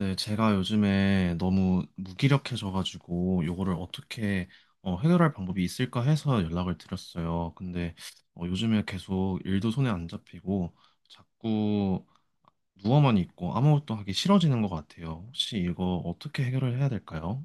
네, 제가 요즘에 너무 무기력해져가지고 요거를 어떻게 해결할 방법이 있을까 해서 연락을 드렸어요. 근데 요즘에 계속 일도 손에 안 잡히고 자꾸 누워만 있고 아무것도 하기 싫어지는 것 같아요. 혹시 이거 어떻게 해결을 해야 될까요?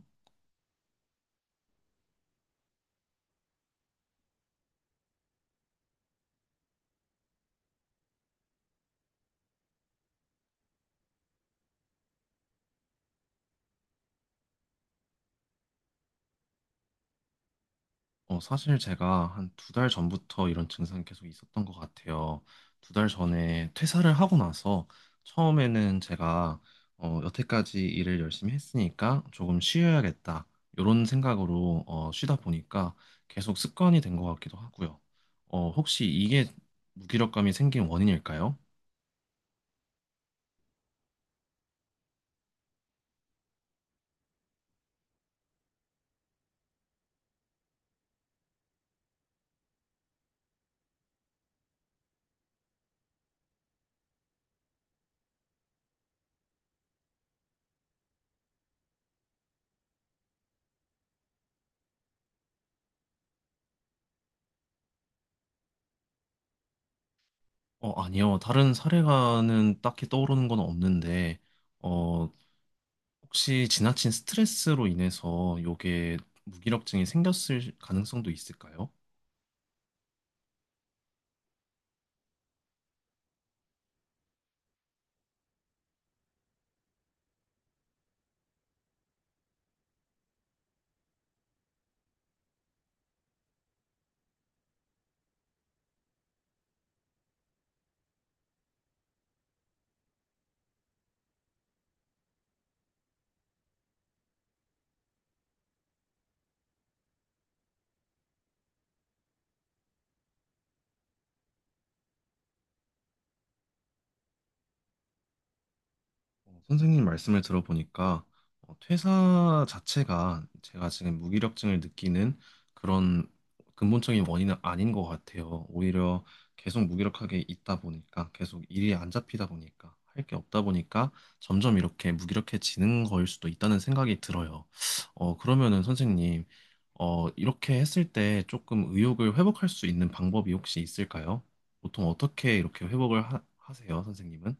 사실 제가 한 두 달 전부터 이런 증상이 계속 있었던 것 같아요. 두 달 전에 퇴사를 하고 나서 처음에는 제가 여태까지 일을 열심히 했으니까 조금 쉬어야겠다. 이런 생각으로 쉬다 보니까 계속 습관이 된 것 같기도 하고요. 혹시 이게 무기력감이 생긴 원인일까요? 아니요. 다른 사례가는 딱히 떠오르는 건 없는데, 어, 혹시 지나친 스트레스로 인해서 요게 무기력증이 생겼을 가능성도 있을까요? 선생님 말씀을 들어보니까 퇴사 자체가 제가 지금 무기력증을 느끼는 그런 근본적인 원인은 아닌 것 같아요. 오히려 계속 무기력하게 있다 보니까 계속 일이 안 잡히다 보니까 할 게 없다 보니까 점점 이렇게 무기력해지는 거일 수도 있다는 생각이 들어요. 그러면은 선생님 이렇게 했을 때 조금 의욕을 회복할 수 있는 방법이 혹시 있을까요? 보통 어떻게 이렇게 세요 선생님은?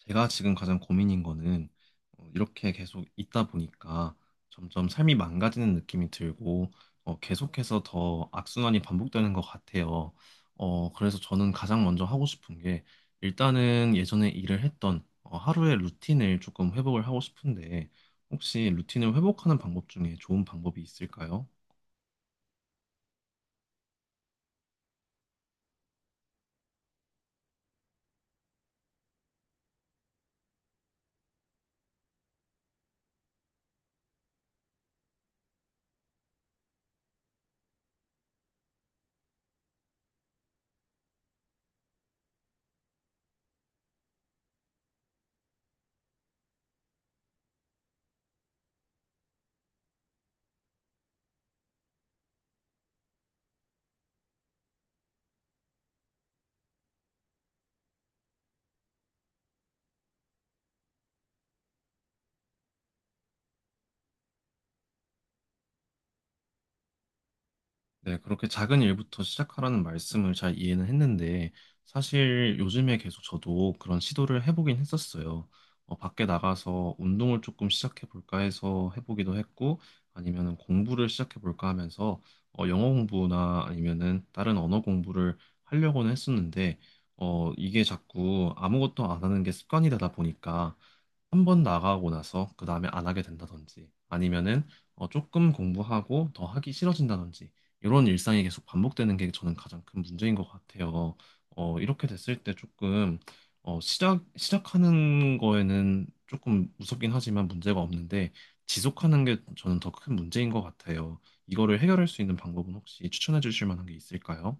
제가 지금 가장 고민인 거는 이렇게 계속 있다 보니까 점점 삶이 망가지는 느낌이 들고 계속해서 더 악순환이 반복되는 것 같아요. 그래서 저는 가장 먼저 하고 싶은 게 일단은 예전에 일을 했던 하루의 루틴을 조금 회복을 하고 싶은데 혹시 루틴을 회복하는 방법 중에 좋은 방법이 있을까요? 네, 그렇게 작은 일부터 시작하라는 말씀을 잘 이해는 했는데, 사실 요즘에 계속 저도 그런 시도를 해보긴 했었어요. 밖에 나가서 운동을 조금 시작해볼까 해서 해보기도 했고, 아니면은 공부를 시작해볼까 하면서, 영어 공부나 아니면은 다른 언어 공부를 하려고는 했었는데, 이게 자꾸 아무것도 안 하는 게 습관이 되다 보니까, 한 번 나가고 나서 그 다음에 안 하게 된다든지 아니면은 조금 공부하고 더 하기 싫어진다든지 이런 일상이 계속 반복되는 게 저는 가장 큰 문제인 것 같아요. 이렇게 됐을 때 조금 시작하는 거에는 조금 무섭긴 하지만 문제가 없는데 지속하는 게 저는 더 큰 문제인 것 같아요. 이거를 해결할 수 있는 방법은 혹시 추천해 주실 만한 게 있을까요?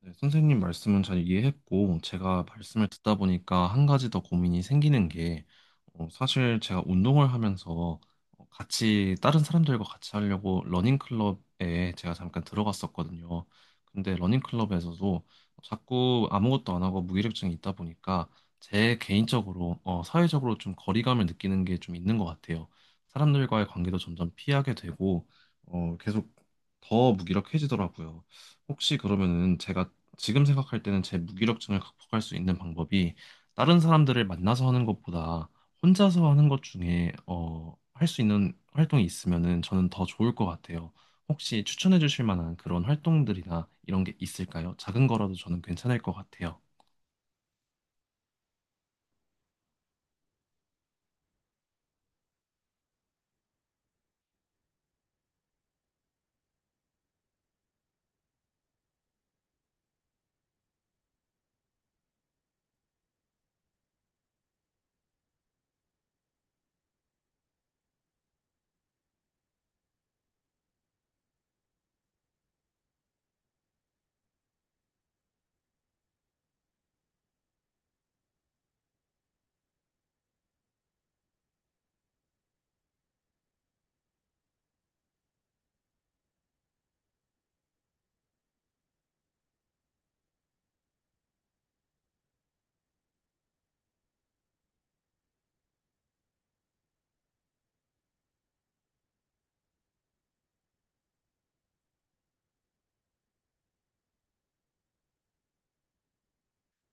네, 선생님 말씀은 잘 이해했고, 제가 말씀을 듣다 보니까 한 가지 더 고민이 생기는 게, 사실 제가 운동을 하면서 다른 사람들과 같이 하려고 러닝클럽에 제가 잠깐 들어갔었거든요. 근데 러닝클럽에서도 자꾸 아무것도 안 하고 무기력증이 있다 보니까 제 개인적으로, 사회적으로 좀 거리감을 느끼는 게 좀 있는 것 같아요. 사람들과의 관계도 점점 피하게 되고, 계속 더 무기력해지더라고요. 혹시 그러면은 제가 지금 생각할 때는 제 무기력증을 극복할 수 있는 방법이 다른 사람들을 만나서 하는 것보다 혼자서 하는 것 중에 할 수 있는 활동이 있으면은 저는 더 좋을 것 같아요. 혹시 추천해 주실 만한 그런 활동들이나 이런 게 있을까요? 작은 거라도 저는 괜찮을 것 같아요.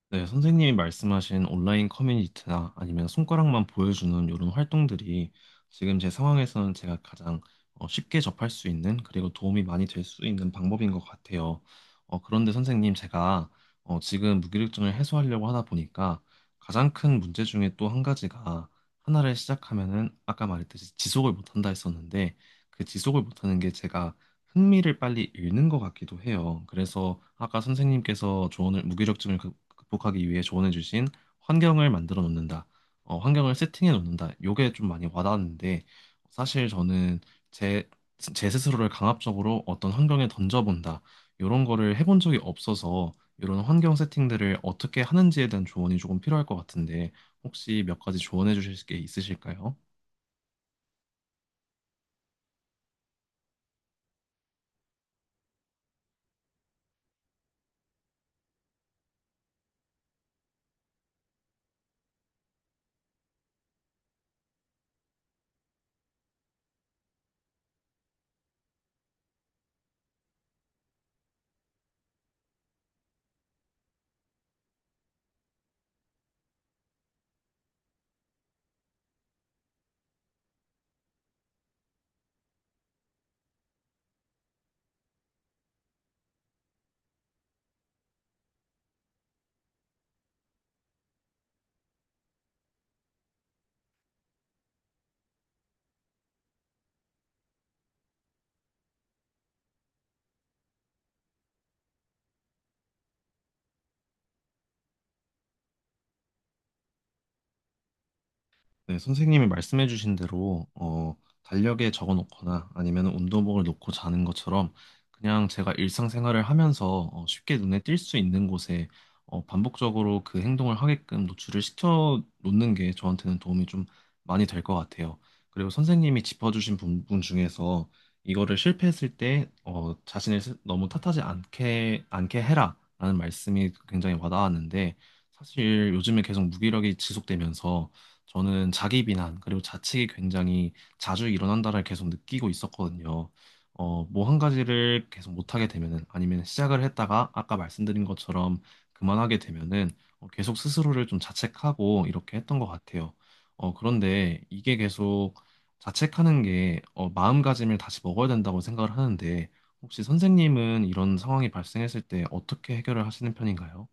네, 선생님이 말씀하신 온라인 커뮤니티나 아니면 손가락만 보여주는 이런 활동들이 지금 제 상황에서는 제가 가장 쉽게 접할 수 있는 그리고 도움이 많이 될 수 있는 방법인 것 같아요. 그런데 선생님 제가 지금 무기력증을 해소하려고 하다 보니까 가장 큰 문제 중에 또 한 가지가 하나를 시작하면은 아까 말했듯이 지속을 못한다 했었는데 그 지속을 못하는 게 제가 흥미를 빨리 잃는 것 같기도 해요. 그래서 아까 선생님께서 조언을 극복하기 위해 조언해 주신 환경을 만들어 놓는다. 환경을 세팅해 놓는다. 요게 좀 많이 와닿았는데 사실 저는 제, 제 스스로를 강압적으로 어떤 환경에 던져본다. 이런 거를 해본 적이 없어서 이런 환경 세팅들을 어떻게 하는지에 대한 조언이 조금 필요할 것 같은데 혹시 몇 가지 조언해 주실 게 있으실까요? 네, 선생님이 말씀해 주신 대로 달력에 적어 놓거나 아니면 운동복을 놓고 자는 것처럼 그냥 제가 일상생활을 하면서 쉽게 눈에 띌 수 있는 곳에 반복적으로 그 행동을 하게끔 노출을 시켜 놓는 게 저한테는 도움이 좀 많이 될 것 같아요. 그리고 선생님이 짚어주신 부분 중에서 이거를 실패했을 때 너무 탓하지 않게 해라라는 말씀이 굉장히 와닿았는데 사실 요즘에 계속 무기력이 지속되면서 저는 자기 비난 그리고 자책이 굉장히 자주 일어난다를 계속 느끼고 있었거든요. 뭐 한 가지를 계속 못하게 되면은 아니면 시작을 했다가 아까 말씀드린 것처럼 그만하게 되면은 계속 스스로를 좀 자책하고 이렇게 했던 것 같아요. 그런데 이게 계속 자책하는 게 마음가짐을 다시 먹어야 된다고 생각을 하는데 혹시 선생님은 이런 상황이 발생했을 때 어떻게 해결을 하시는 편인가요?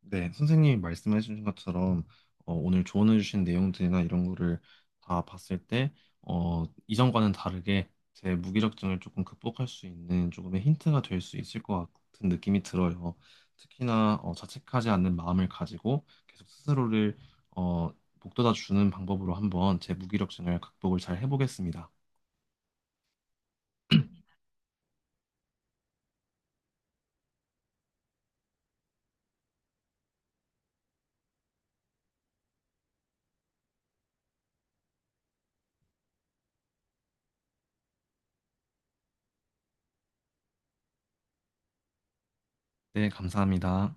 네, 선생님이 말씀해 주신 것처럼 오늘 조언해 주신 내용들이나 이런 거를 다 봤을 때 이전과는 다르게 제 무기력증을 조금 극복할 수 있는 조금의 힌트가 될 수 있을 것 같은 느낌이 들어요. 특히나 자책하지 않는 마음을 가지고 계속 스스로를 어, 북돋아 주는 방법으로 한번 제 무기력증을 극복을 잘 해보겠습니다. 네, 감사합니다.